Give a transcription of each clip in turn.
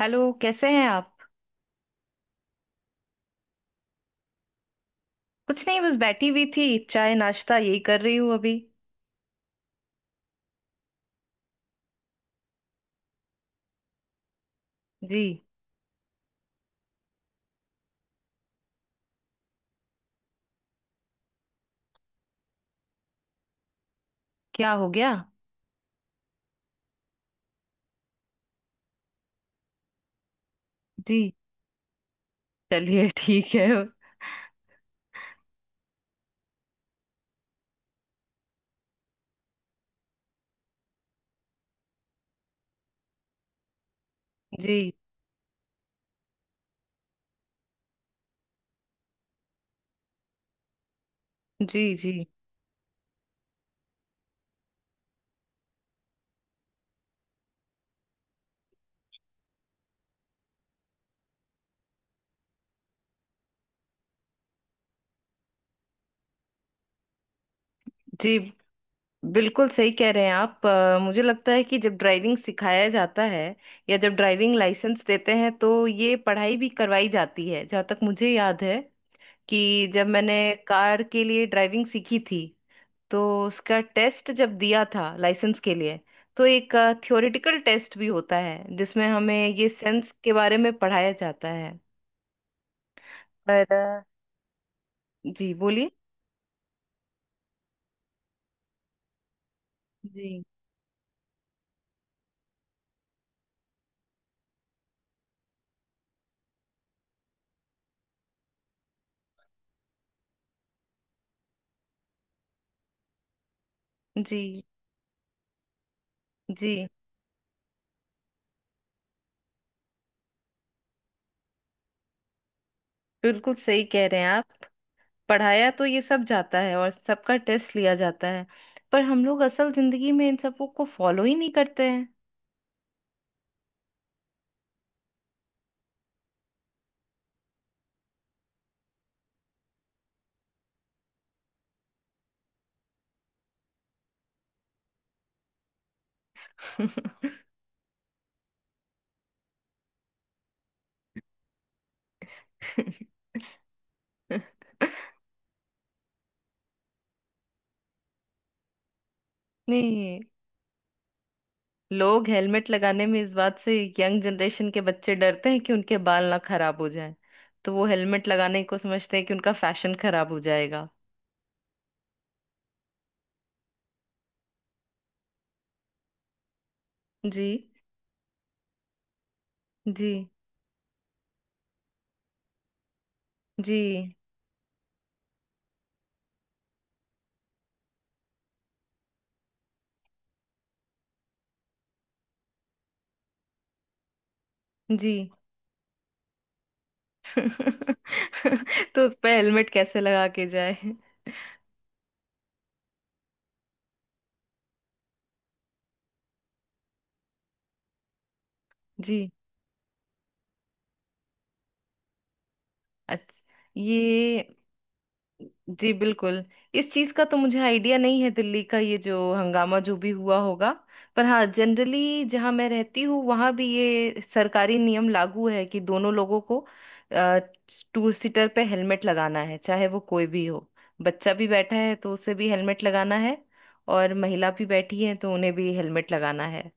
Hello, कैसे हैं आप। कुछ नहीं, बस बैठी हुई थी, चाय नाश्ता यही कर रही हूँ अभी। जी। क्या हो गया। जी, चलिए ठीक है। जी। जी। जी। जी, बिल्कुल सही कह रहे हैं आप। मुझे लगता है कि जब ड्राइविंग सिखाया जाता है या जब ड्राइविंग लाइसेंस देते हैं तो ये पढ़ाई भी करवाई जाती है, जहाँ तक मुझे याद है कि जब मैंने कार के लिए ड्राइविंग सीखी थी, तो उसका टेस्ट जब दिया था लाइसेंस के लिए, तो एक थ्योरेटिकल टेस्ट भी होता है जिसमें हमें ये सेंस के बारे में पढ़ाया जाता है। पर जी बोलिए। जी। जी। जी, बिल्कुल सही कह रहे हैं आप। पढ़ाया तो ये सब जाता है और सबका टेस्ट लिया जाता है, पर हम लोग असल जिंदगी में इन सबों को फॉलो ही नहीं करते हैं। नहीं। लोग हेलमेट लगाने में इस बात से, यंग जनरेशन के बच्चे डरते हैं कि उनके बाल ना खराब हो जाएं, तो वो हेलमेट लगाने को समझते हैं कि उनका फैशन खराब हो जाएगा। जी। जी। जी। जी। तो उस पर हेलमेट कैसे लगा के जाए। जी। अच्छा। ये, जी बिल्कुल। इस चीज का तो मुझे आइडिया नहीं है, दिल्ली का ये जो हंगामा जो भी हुआ होगा। पर हाँ, जनरली जहाँ मैं रहती हूँ वहाँ भी ये सरकारी नियम लागू है कि दोनों लोगों को टू सीटर पे हेलमेट लगाना है, चाहे वो कोई भी हो। बच्चा भी बैठा है तो उसे भी हेलमेट लगाना है, और महिला भी बैठी है तो उन्हें भी हेलमेट लगाना है।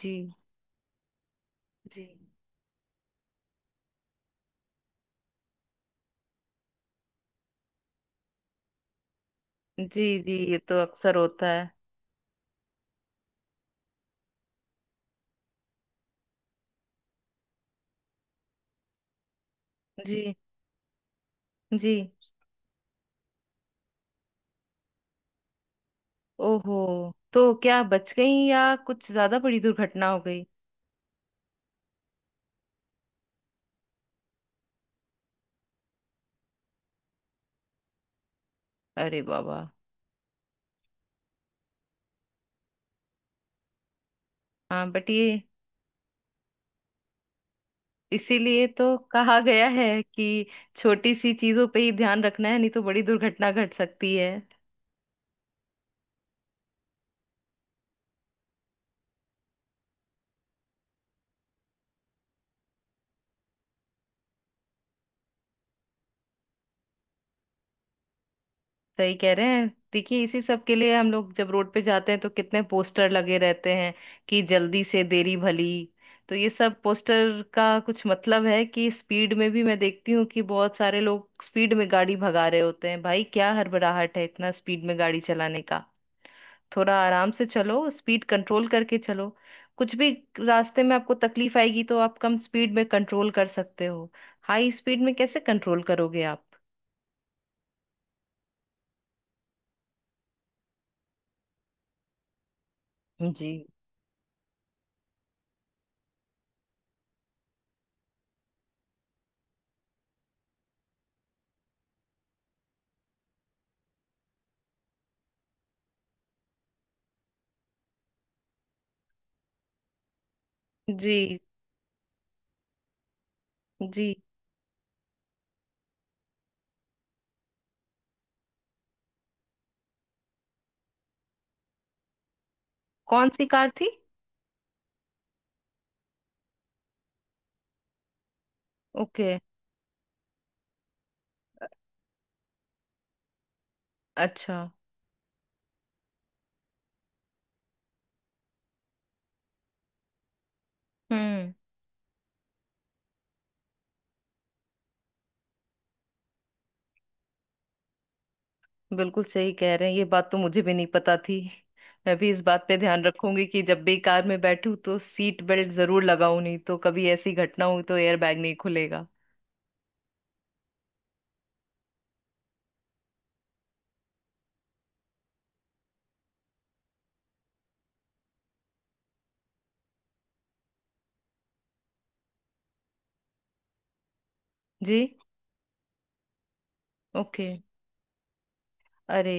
जी। जी। जी। जी, ये तो अक्सर होता है। जी। जी। ओहो, तो क्या बच गई या कुछ ज्यादा बड़ी दुर्घटना हो गई। अरे बाबा। हाँ, बट ये, इसीलिए तो कहा गया है कि छोटी सी चीजों पे ही ध्यान रखना है, नहीं तो बड़ी दुर्घटना घट सकती है। सही कह रहे हैं। देखिए, इसी सब के लिए हम लोग जब रोड पे जाते हैं तो कितने पोस्टर लगे रहते हैं, कि जल्दी से देरी भली। तो ये सब पोस्टर का कुछ मतलब है, कि स्पीड में भी मैं देखती हूँ कि बहुत सारे लोग स्पीड में गाड़ी भगा रहे होते हैं, भाई क्या हड़बड़ाहट है इतना स्पीड में गाड़ी चलाने का। थोड़ा आराम से चलो, स्पीड कंट्रोल करके चलो। कुछ भी रास्ते में आपको तकलीफ आएगी तो आप कम स्पीड में कंट्रोल कर सकते हो, हाई स्पीड में कैसे कंट्रोल करोगे आप। जी। जी। जी। कौन सी कार थी। ओके। अच्छा। हम्म। बिल्कुल सही कह रहे हैं, ये बात तो मुझे भी नहीं पता थी। मैं भी इस बात पे ध्यान रखूंगी कि जब भी कार में बैठूं तो सीट बेल्ट जरूर लगाऊं, नहीं तो कभी ऐसी घटना हुई तो एयर बैग नहीं खुलेगा। जी। ओके। अरे।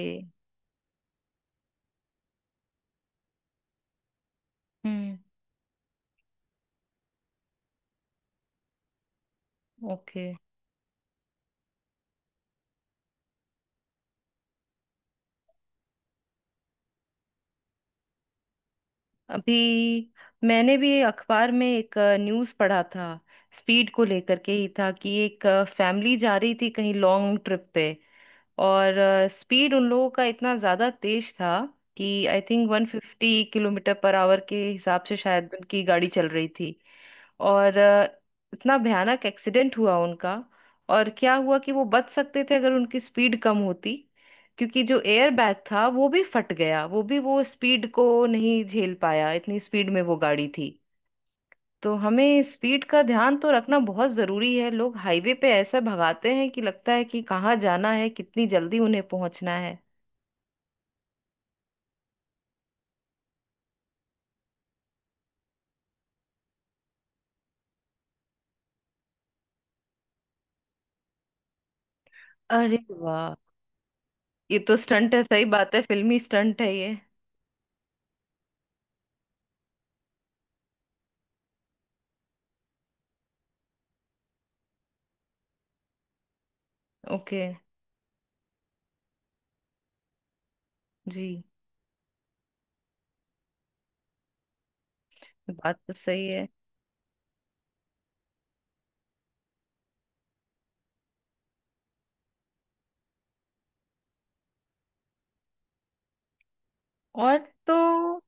हम्म। ओके। अभी मैंने भी अखबार में एक न्यूज़ पढ़ा था, स्पीड को लेकर के ही था। कि एक फैमिली जा रही थी कहीं लॉन्ग ट्रिप पे, और स्पीड उन लोगों का इतना ज़्यादा तेज था कि I think 150 kilometre per hour के हिसाब से शायद उनकी गाड़ी चल रही थी। और इतना भयानक एक्सीडेंट हुआ उनका। और क्या हुआ कि वो बच सकते थे अगर उनकी स्पीड कम होती, क्योंकि जो एयर बैग था वो भी फट गया, वो भी वो स्पीड को नहीं झेल पाया, इतनी स्पीड में वो गाड़ी थी। तो हमें स्पीड का ध्यान तो रखना बहुत जरूरी है, लोग हाईवे पे ऐसा भगाते हैं कि लगता है कि कहाँ जाना है, कितनी जल्दी उन्हें पहुंचना है। अरे वाह। ये तो स्टंट है, सही बात है, फिल्मी स्टंट है ये। ओके। जी। बात तो सही है। और तो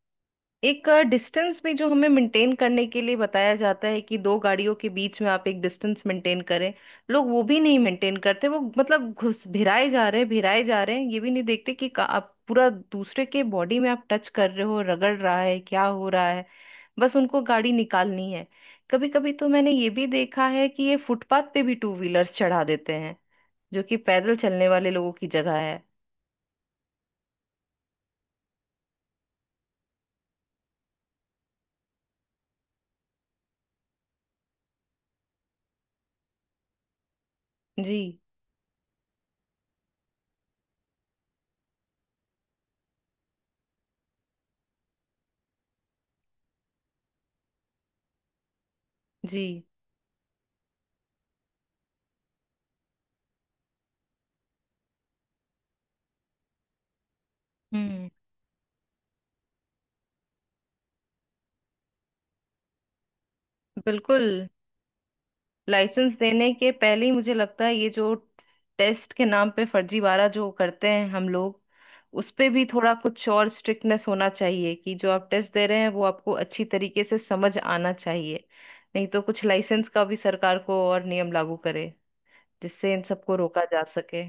एक डिस्टेंस भी जो हमें मेंटेन करने के लिए बताया जाता है कि दो गाड़ियों के बीच में आप एक डिस्टेंस मेंटेन करें, लोग वो भी नहीं मेंटेन करते, वो मतलब घुस भिराए जा रहे हैं भिराए जा रहे हैं, ये भी नहीं देखते कि आप पूरा दूसरे के बॉडी में आप टच कर रहे हो, रगड़ रहा है, क्या हो रहा है, बस उनको गाड़ी निकालनी है। कभी कभी तो मैंने ये भी देखा है कि ये फुटपाथ पे भी टू व्हीलर्स चढ़ा देते हैं, जो कि पैदल चलने वाले लोगों की जगह है। जी। जी। हम्म। बिल्कुल। लाइसेंस देने के पहले ही मुझे लगता है ये जो टेस्ट के नाम पे फर्जीवाड़ा जो करते हैं हम लोग, उस पे भी थोड़ा कुछ और स्ट्रिक्टनेस होना चाहिए कि जो आप टेस्ट दे रहे हैं वो आपको अच्छी तरीके से समझ आना चाहिए। नहीं तो कुछ लाइसेंस का भी सरकार को और नियम लागू करे, जिससे इन सबको रोका जा सके।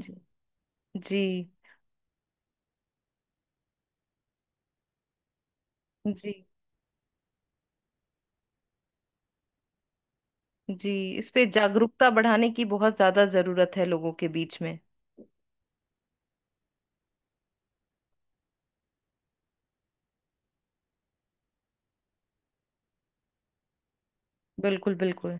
जी। जी। जी। जी। इस पे जागरूकता बढ़ाने की बहुत ज्यादा जरूरत है लोगों के बीच में। बिल्कुल बिल्कुल।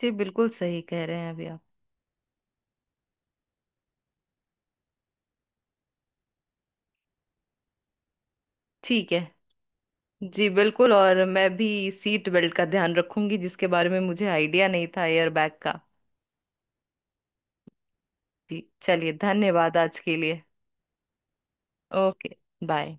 जी बिल्कुल सही कह रहे हैं अभी आप। ठीक है। जी बिल्कुल। और मैं भी सीट बेल्ट का ध्यान रखूंगी, जिसके बारे में मुझे आइडिया नहीं था एयर बैग का। जी। चलिए, धन्यवाद आज के लिए। Okay bye.